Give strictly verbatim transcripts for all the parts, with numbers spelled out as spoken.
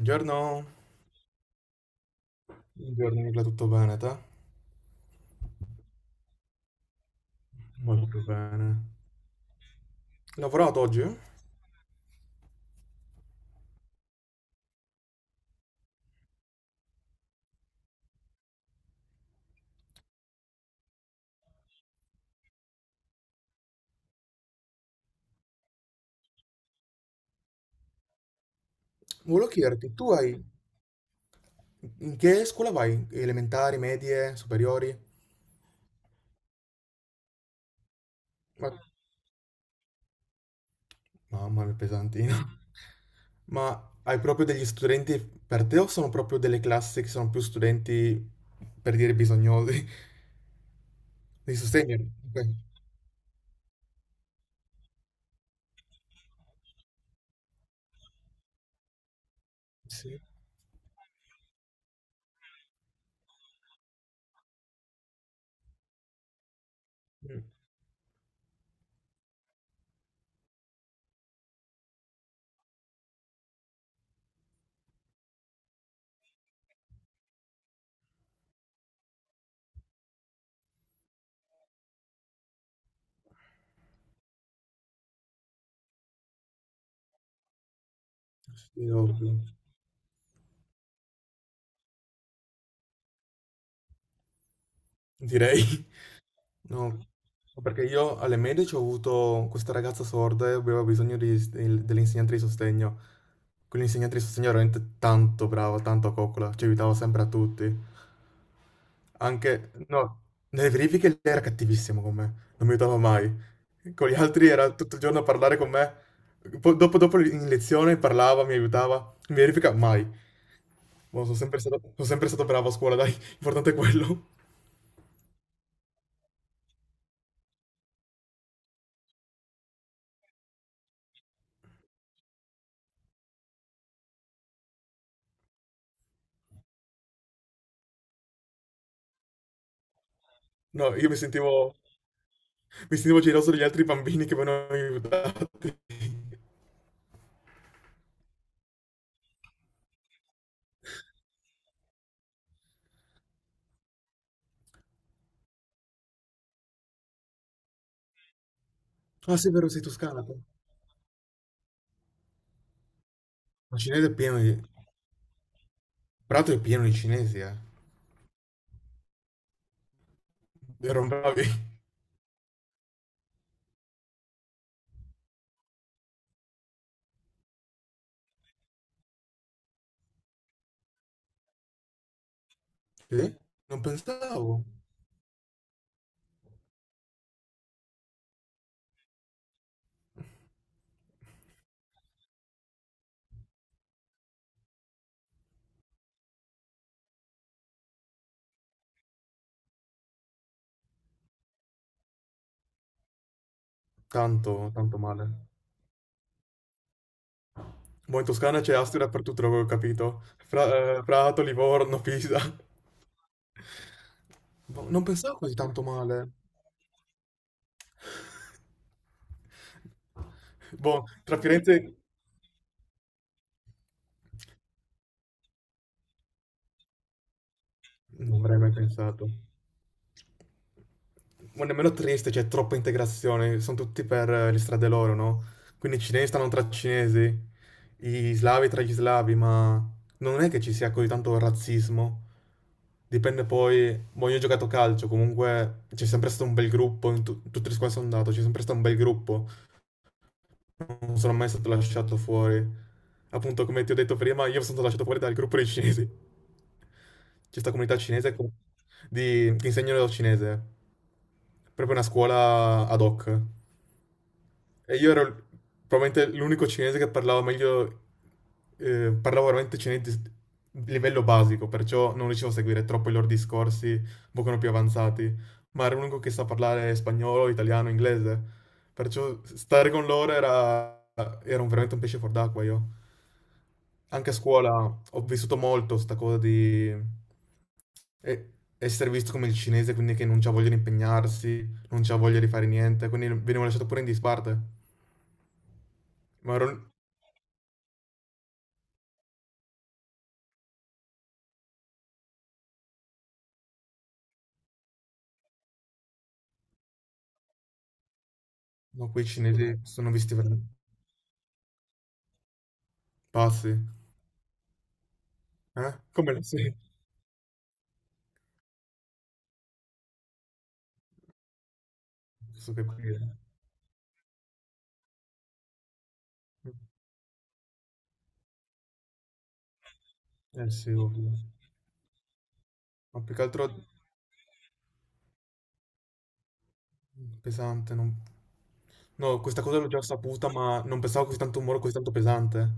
Buongiorno, buongiorno Nicola, tutto bene te? Molto bene. Lavorato oggi? Volevo chiederti, tu hai... in che scuola vai? Elementari, medie, superiori? Ma... mamma mia, pesantino. Ma hai proprio degli studenti per te o sono proprio delle classi che sono più studenti, per dire, bisognosi di sostegno? Ok. Sì. Mm. Sì, ovvio, direi. No, no, perché io alle medie ci ho avuto questa ragazza sorda e aveva bisogno di- del- dell'insegnante di sostegno. Quell'insegnante di sostegno era veramente tanto brava, tanto a coccola, ci aiutava sempre a tutti. Anche, no, nelle verifiche lei era cattivissimo con me, non mi aiutava mai. Con gli altri era tutto il giorno a parlare con me. Poi dopo, dopo in lezione parlava, mi aiutava. In verifica mai. Ma sono sempre stato, sono sempre stato bravo a scuola, dai, l'importante è quello. No, io mi sentivo... mi sentivo geloso degli altri bambini che venivano aiutati. Ah, sì, è vero, sei toscana tu. Ma cinese è pieno di... Prato è pieno di cinesi, eh. Erano bravi. Sì? Non pensavo tanto, tanto male. Boh, in Toscana c'è Asti dappertutto, l'avevo capito. Fra- eh, Prato, Livorno, Pisa. Boh, non pensavo così tanto male. Boh, tra Firenze... Non avrei mai pensato. Ma nemmeno triste, c'è troppa integrazione, sono tutti per eh, le strade loro, no? Quindi i cinesi stanno tra i cinesi, gli slavi tra gli slavi, ma non è che ci sia così tanto razzismo. Dipende poi, boh, io ho giocato a calcio, comunque c'è sempre stato un bel gruppo, in tu- tutte le squadre sono andato, c'è sempre stato un bel gruppo, non sono mai stato lasciato fuori. Appunto, come ti ho detto prima, io sono stato lasciato fuori dal gruppo dei cinesi. C'è questa comunità cinese co- di- che insegnano il cinese, proprio una scuola ad hoc. E io ero l- probabilmente l'unico cinese che parlava meglio, eh, parlavo veramente cinese di livello basico, perciò non riuscivo a seguire troppo i loro discorsi, un pochino più avanzati, ma ero l'unico che sa parlare spagnolo, italiano, inglese, perciò stare con loro era, era un- veramente un pesce fuor d'acqua io. Anche a scuola ho vissuto molto sta cosa di e- essere visto come il cinese, quindi che non c'ha voglia di impegnarsi, non c'aveva voglia di fare niente, quindi venivo lasciato pure in disparte. Ma ero... No, quei cinesi sono visti veramente pazzi. Eh? Come lo sei? Posso capire. Eh sì, ovvio. Ma più che altro pesante, non... No, questa cosa l'ho già saputa, ma non pensavo così tanto un muro così tanto pesante.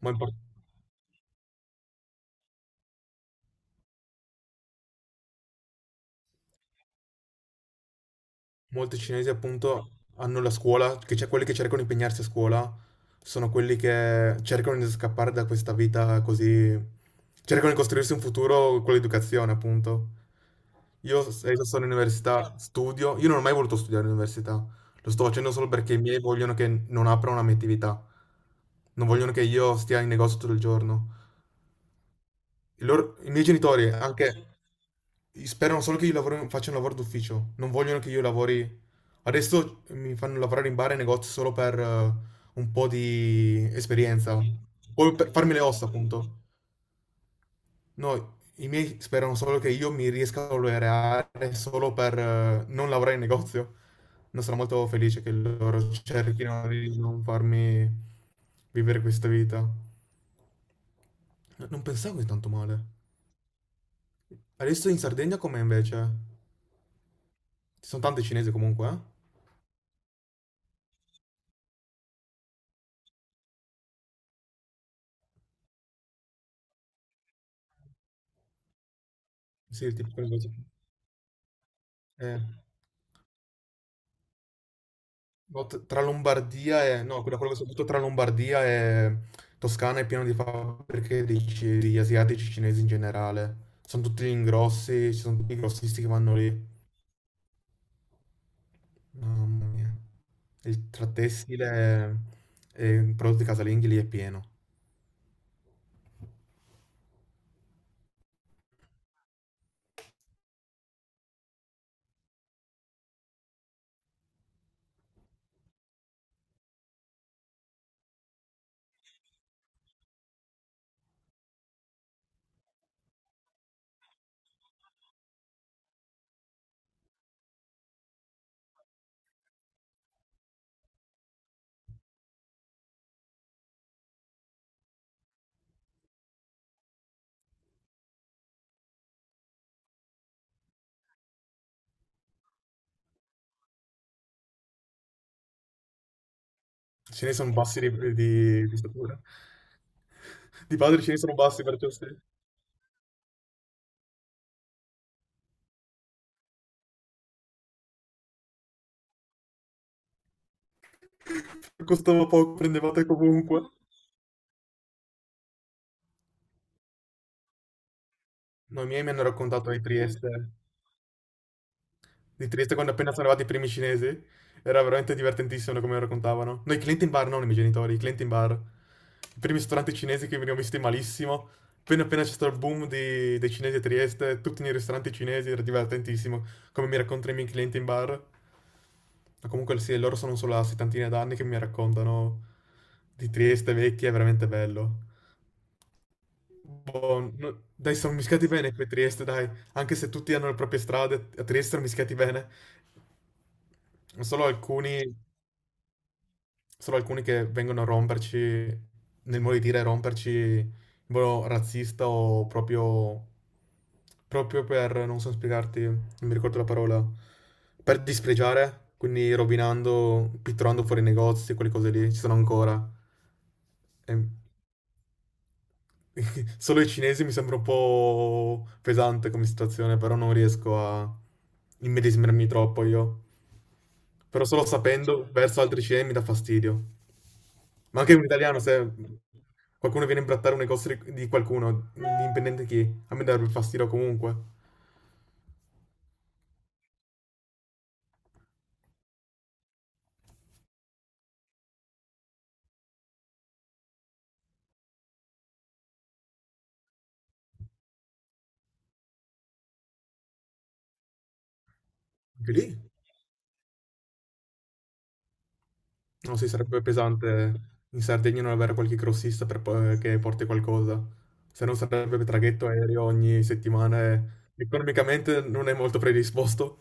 Ma è importante. Molti cinesi appunto hanno la scuola, che c'è quelli che cercano di impegnarsi a scuola, sono quelli che cercano di scappare da questa vita così, cercano di costruirsi un futuro con l'educazione, appunto. Io, s- eh, io sono in università, studio, io non ho mai voluto studiare all'università, lo sto facendo solo perché i miei vogliono che non apra una mia attività, non vogliono che io stia in negozio tutto il giorno. I, loro- i miei genitori anche sperano solo che io lavori- faccia un lavoro d'ufficio, non vogliono che io lavori. Adesso mi fanno lavorare in bar e negozi solo per eh, un po' di esperienza, o per farmi le ossa, appunto. No, i miei sperano solo che io mi riesca a laureare solo per eh, non lavorare in negozio. Non sarò molto felice che loro cerchino di non farmi vivere questa vita. No, non pensavo così tanto male. Adesso in Sardegna com'è invece? Ci sono tante cinesi comunque, eh? Sì, tipo quelle cose. Eh, no, t- tra Lombardia e... No, quella, quella che soprattutto tra Lombardia e Toscana è pieno di fabbriche di, ci- di asiatici cinesi in generale. Sono tutti gli ingrossi, ci sono tutti i grossisti che vanno lì. Mamma mia. Il, tra tessile e e prodotti casalinghi lì è pieno. I cinesi sono bassi di, di, di statura. Di padre i cinesi sono bassi, perciò se costava poco prendevate comunque. No, i miei mi hanno raccontato di Trieste, di Trieste quando appena sono arrivati i primi cinesi. Era veramente divertentissimo come lo raccontavano. Noi clienti in bar, non i miei genitori, i clienti in bar. I primi ristoranti cinesi che venivano visti malissimo. Appena appena c'è stato il boom di- dei cinesi a Trieste, tutti nei ristoranti cinesi, era divertentissimo come mi raccontano i miei clienti in bar. Ma comunque sì, loro sono solo a settantina d'anni che mi raccontano di Trieste vecchia, è veramente bello. Boh, no- dai, sono mischiati bene qui a Trieste, dai. Anche se tutti hanno le proprie strade, a Trieste sono mischiati bene. Solo alcuni, solo alcuni che vengono a romperci, nel modo di dire, romperci in modo razzista o proprio, proprio per, non so spiegarti, non mi ricordo la parola, per dispregiare, quindi rovinando, pitturando fuori i negozi, quelle cose lì, ci sono ancora. E solo i cinesi mi sembra un po' pesante come situazione, però non riesco a immedesimarmi troppo io. Però solo sapendo verso altri cinesi mi dà fastidio. Ma anche un italiano, se qualcuno viene a imbrattare un negozio di, di qualcuno, indipendente chi, a me darebbe fastidio comunque. Anche lì? Non si sarebbe pesante in Sardegna non avere qualche grossista per po- che porti qualcosa. Se non sarebbe traghetto aereo ogni settimana e economicamente non è molto predisposto.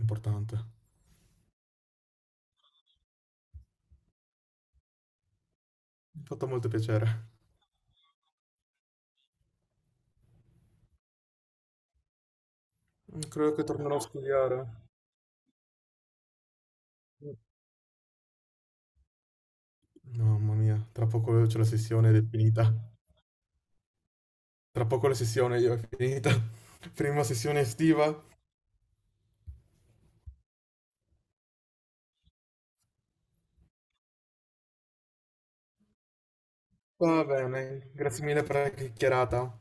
Importante. Mi ha fatto molto piacere. Mm, credo che tornerò a studiare. Mm. Mamma mia, tra poco c'è la sessione ed è finita. Tra poco la sessione io è finita. Prima sessione estiva. Va bene, grazie mille per la chiacchierata.